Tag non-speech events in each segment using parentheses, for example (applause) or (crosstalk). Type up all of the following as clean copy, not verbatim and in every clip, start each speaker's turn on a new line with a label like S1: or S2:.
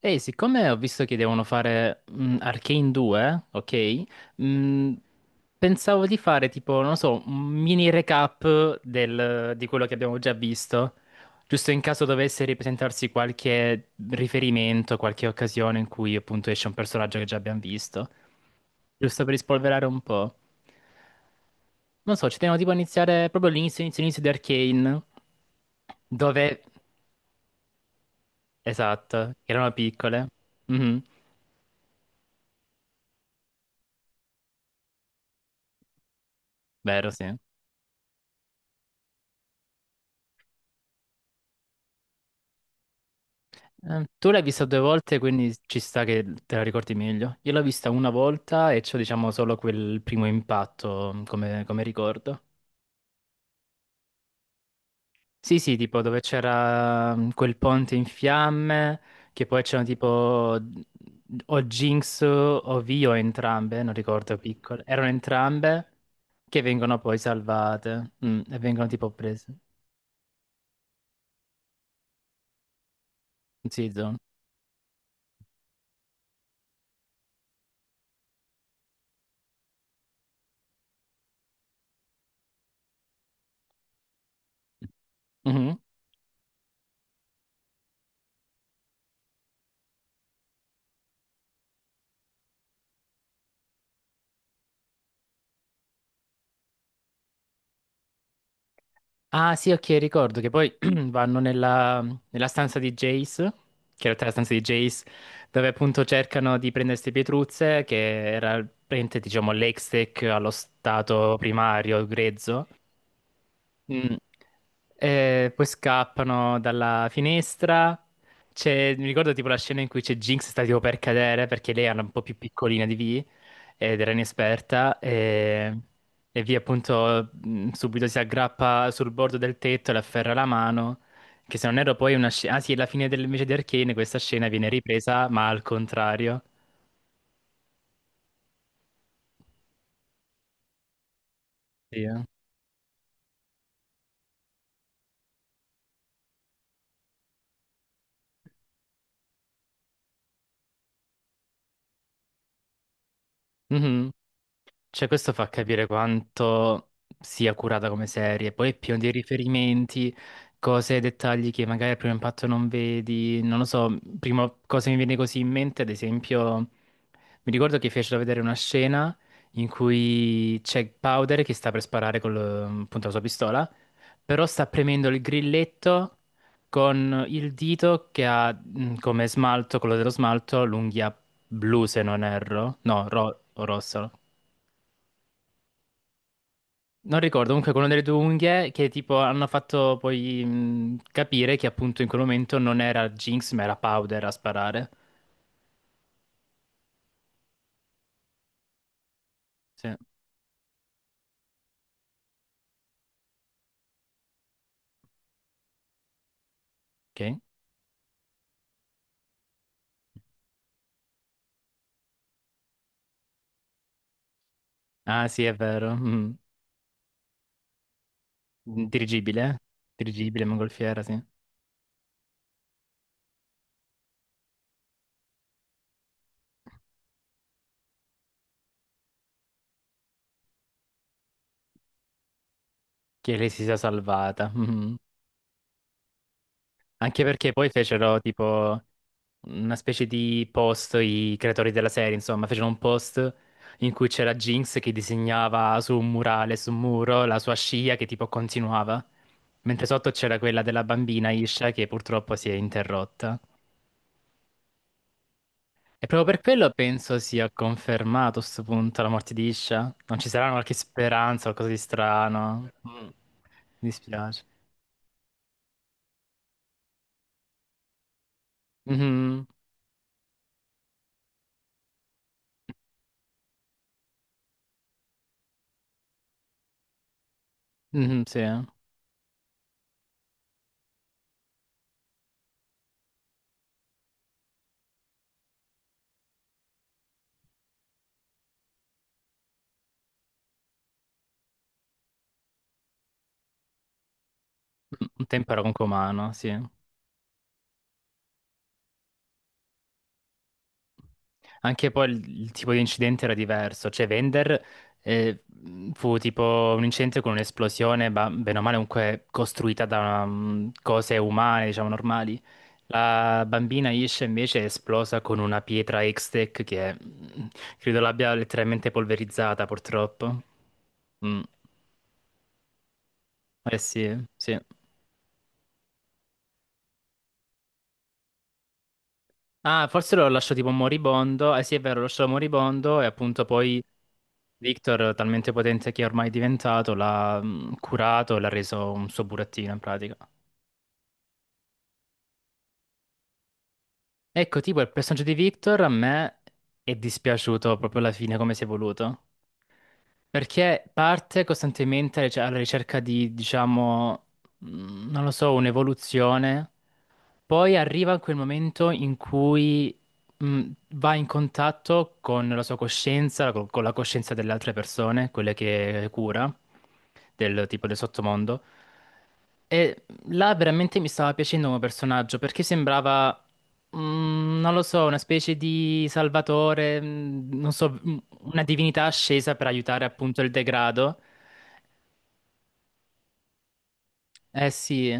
S1: Ehi, siccome ho visto che devono fare Arcane 2, ok? Mm, pensavo di fare tipo, non lo so, un mini recap di quello che abbiamo già visto, giusto in caso dovesse ripresentarsi qualche riferimento, qualche occasione in cui appunto esce un personaggio che già abbiamo visto, giusto per rispolverare un po'. Non so, ci teniamo tipo a iniziare proprio all'inizio, inizio, inizio di Arcane, dove. Esatto, che erano piccole. Mhm. Vero, sì. Tu l'hai vista due volte, quindi ci sta che te la ricordi meglio. Io l'ho vista una volta e c'ho, diciamo, solo quel primo impatto come, ricordo. Sì, sì, tipo dove c'era quel ponte in fiamme, che poi c'erano tipo o Jinx o Vi o entrambe, non ricordo, piccole. Erano entrambe che vengono poi salvate, e vengono tipo prese. Sì, Zone. Ah sì, ok, ricordo che poi (clears throat) vanno nella stanza di Jace, che in realtà è la stanza di Jace, dove appunto cercano di prendere queste pietruzze, che era praticamente, diciamo, l'ex-tech allo stato primario grezzo. Mm. Poi scappano dalla finestra. Mi ricordo tipo la scena in cui c'è Jinx sta tipo per cadere perché lei era un po' più piccolina di Vi ed era inesperta e Vi appunto subito si aggrappa sul bordo del tetto e le afferra la mano. Che se non erro poi è una scena. Ah sì, alla fine invece di Arcane questa scena viene ripresa ma al contrario. Sì. Eh. Mhm. Cioè, questo fa capire quanto sia curata come serie, poi è pieno di riferimenti, cose e dettagli che magari al primo impatto non vedi, non lo so, prima cosa mi viene così in mente, ad esempio, mi ricordo che fecero vedere una scena in cui c'è Powder che sta per sparare con appunto, la sua pistola, però sta premendo il grilletto con il dito che ha come smalto, quello dello smalto, l'unghia blu se non erro, no, o rosso. Non ricordo, comunque quello delle due unghie che tipo hanno fatto poi capire che appunto in quel momento non era Jinx ma era Powder a sparare. Sì. Ok. Ah sì, è vero. Mm. Dirigibile, eh? Dirigibile, mongolfiera, sì. Che lei si sia salvata. Mhm. Anche perché poi fecero tipo una specie di post, i creatori della serie, insomma, fecero un post in cui c'era Jinx che disegnava su un murale, su un muro, la sua scia che tipo continuava, mentre sotto c'era quella della bambina Isha che purtroppo si è interrotta. E proprio per quello penso sia confermato a sto punto la morte di Isha. Non ci sarà qualche speranza, qualcosa di strano. Mm. Mi dispiace. Mhm, mhm, sì. Eh. Un tempo era comunque umano, sì. Anche poi il tipo di incidente era diverso, cioè Vender eh, fu tipo un incidente con un'esplosione, bene o male comunque costruita da cose umane, diciamo normali. La bambina Ish invece è esplosa con una pietra X-Tech che credo l'abbia letteralmente polverizzata, purtroppo. Mm. Eh sì, sì. Ah, forse lo lasciò tipo moribondo. Eh sì, è vero, lo lasciò moribondo e appunto poi Victor, talmente potente che è ormai diventato, l'ha curato e l'ha reso un suo burattino in pratica. Ecco, tipo il personaggio di Victor a me è dispiaciuto proprio alla fine come si è voluto. Perché parte costantemente cioè, alla ricerca di, diciamo, non lo so, un'evoluzione, poi arriva a quel momento in cui mh, va in contatto con la sua coscienza, con la coscienza delle altre persone, quelle che cura, del tipo del sottomondo. E là veramente mi stava piacendo come personaggio perché sembrava, non lo so, una specie di salvatore, non so, una divinità ascesa per aiutare appunto il degrado. Eh sì,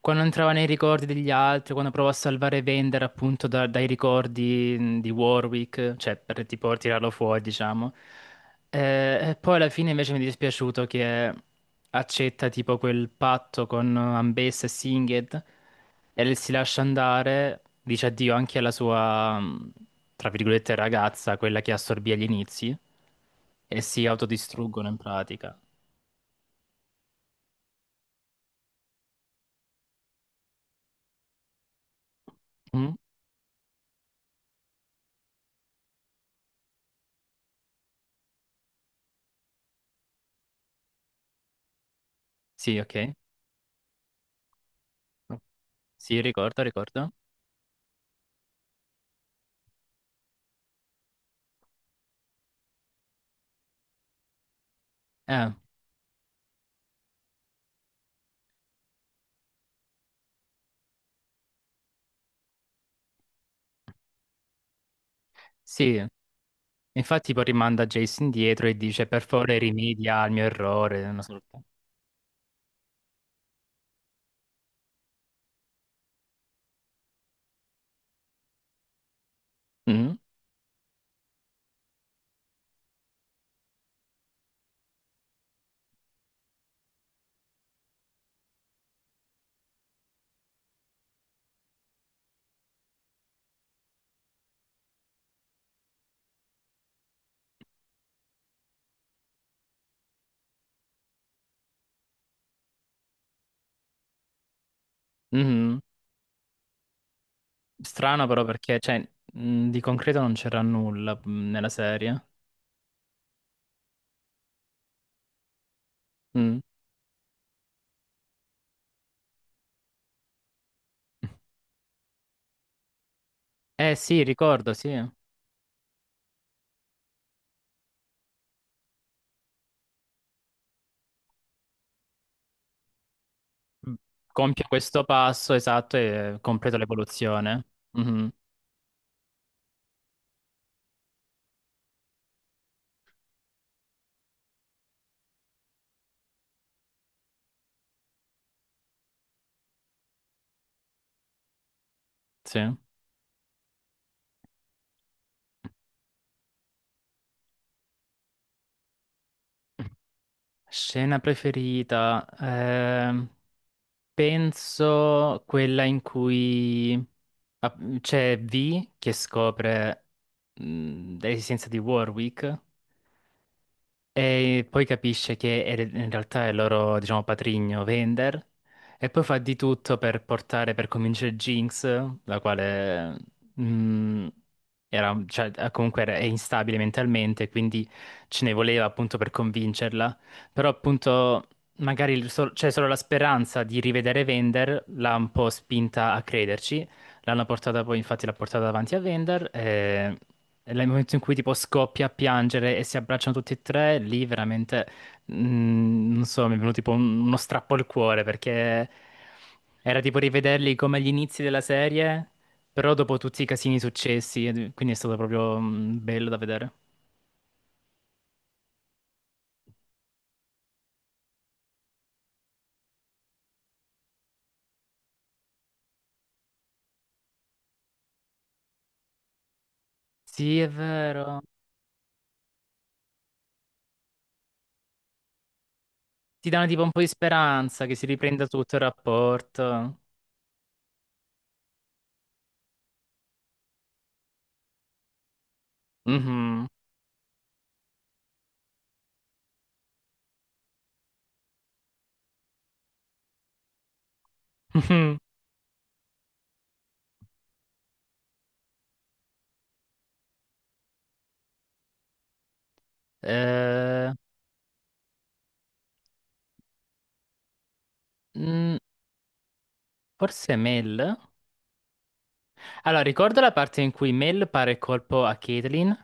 S1: quando entrava nei ricordi degli altri, quando provò a salvare Vender appunto dai ricordi di Warwick, cioè per tipo tirarlo fuori, diciamo. E poi alla fine invece mi è dispiaciuto che accetta tipo quel patto con Ambessa e Singed e si lascia andare, dice addio anche alla sua, tra virgolette, ragazza, quella che assorbì agli inizi, e si autodistruggono in pratica. Mm? Sì, ok. Sì, ricordo, ricordo. Eh, sì, infatti poi rimanda Jason dietro e dice per favore rimedia al mio errore. Una sorta. Mm, mhm. Strano però perché cioè, di concreto non c'era nulla nella serie. Mm. Eh sì, ricordo, sì. Mm. Compie questo passo esatto e completa l'evoluzione. Mhm, sì. Scena preferita. Penso quella in cui c'è V che scopre l'esistenza di Warwick e poi capisce che in realtà è il loro, diciamo, patrigno Vender. E poi fa di tutto per portare, per convincere Jinx, la quale mm, era, cioè, comunque è instabile mentalmente, quindi ce ne voleva appunto per convincerla. Però appunto magari c'è solo la speranza di rivedere Vender, l'ha un po' spinta a crederci. L'hanno portata poi, infatti l'ha portata davanti a Vender. Nel momento in cui tipo scoppia a piangere e si abbracciano tutti e tre, lì veramente, non so, mi è venuto tipo uno strappo al cuore perché era tipo rivederli come agli inizi della serie, però dopo tutti i casini successi, quindi è stato proprio, bello da vedere. Sì, è vero. Ti danno tipo un po' di speranza che si riprenda tutto il rapporto. Mhm. (laughs) Eh, mm, Forse Mel? Allora, ricordo la parte in cui Mel pare colpo a Caitlyn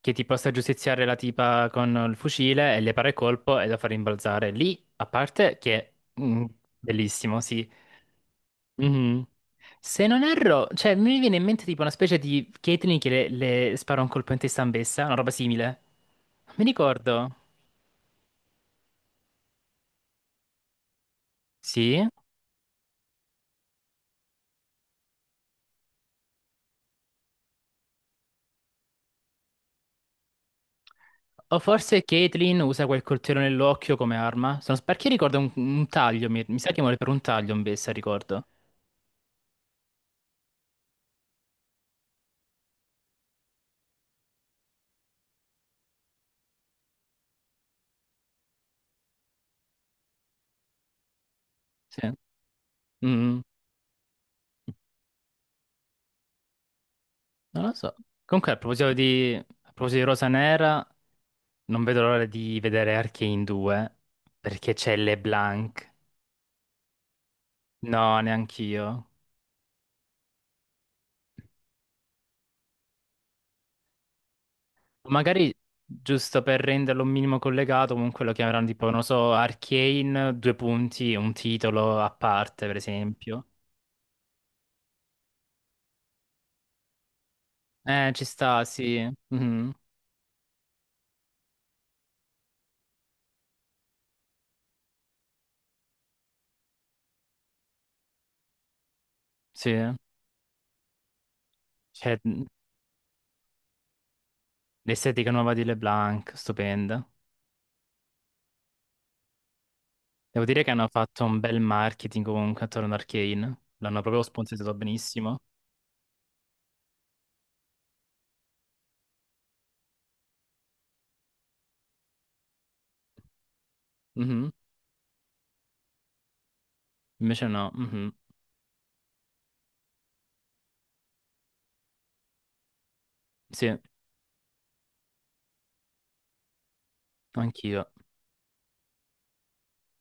S1: che tipo sta a giustiziare la tipa con il fucile e le para il colpo e la fa rimbalzare. Lì, a parte che. Mm, bellissimo, sì. Mhm. Se non erro, cioè mi viene in mente tipo una specie di Caitlyn che le, spara un colpo in testa Ambessa, una roba simile. Non mi ricordo. Sì. O forse Caitlyn usa quel coltello nell'occhio come arma. Sono, perché ricordo un, taglio, mi sa che muore per un taglio Ambessa, ricordo. Sì. Mm, Non lo so. Comunque, a proposito di Rosa Nera, non vedo l'ora di vedere Arcane 2 perché c'è LeBlanc. No, neanch'io. Magari giusto per renderlo un minimo collegato, comunque lo chiameranno tipo, non so, Arcane, due punti, un titolo a parte, per esempio. Ci sta, sì. Mhm. Sì. C'è l'estetica nuova di LeBlanc, stupenda. Devo dire che hanno fatto un bel marketing comunque attorno ad Arcane. L'hanno proprio sponsorizzato benissimo. Mhm. Invece no. Mhm. Sì, anch'io.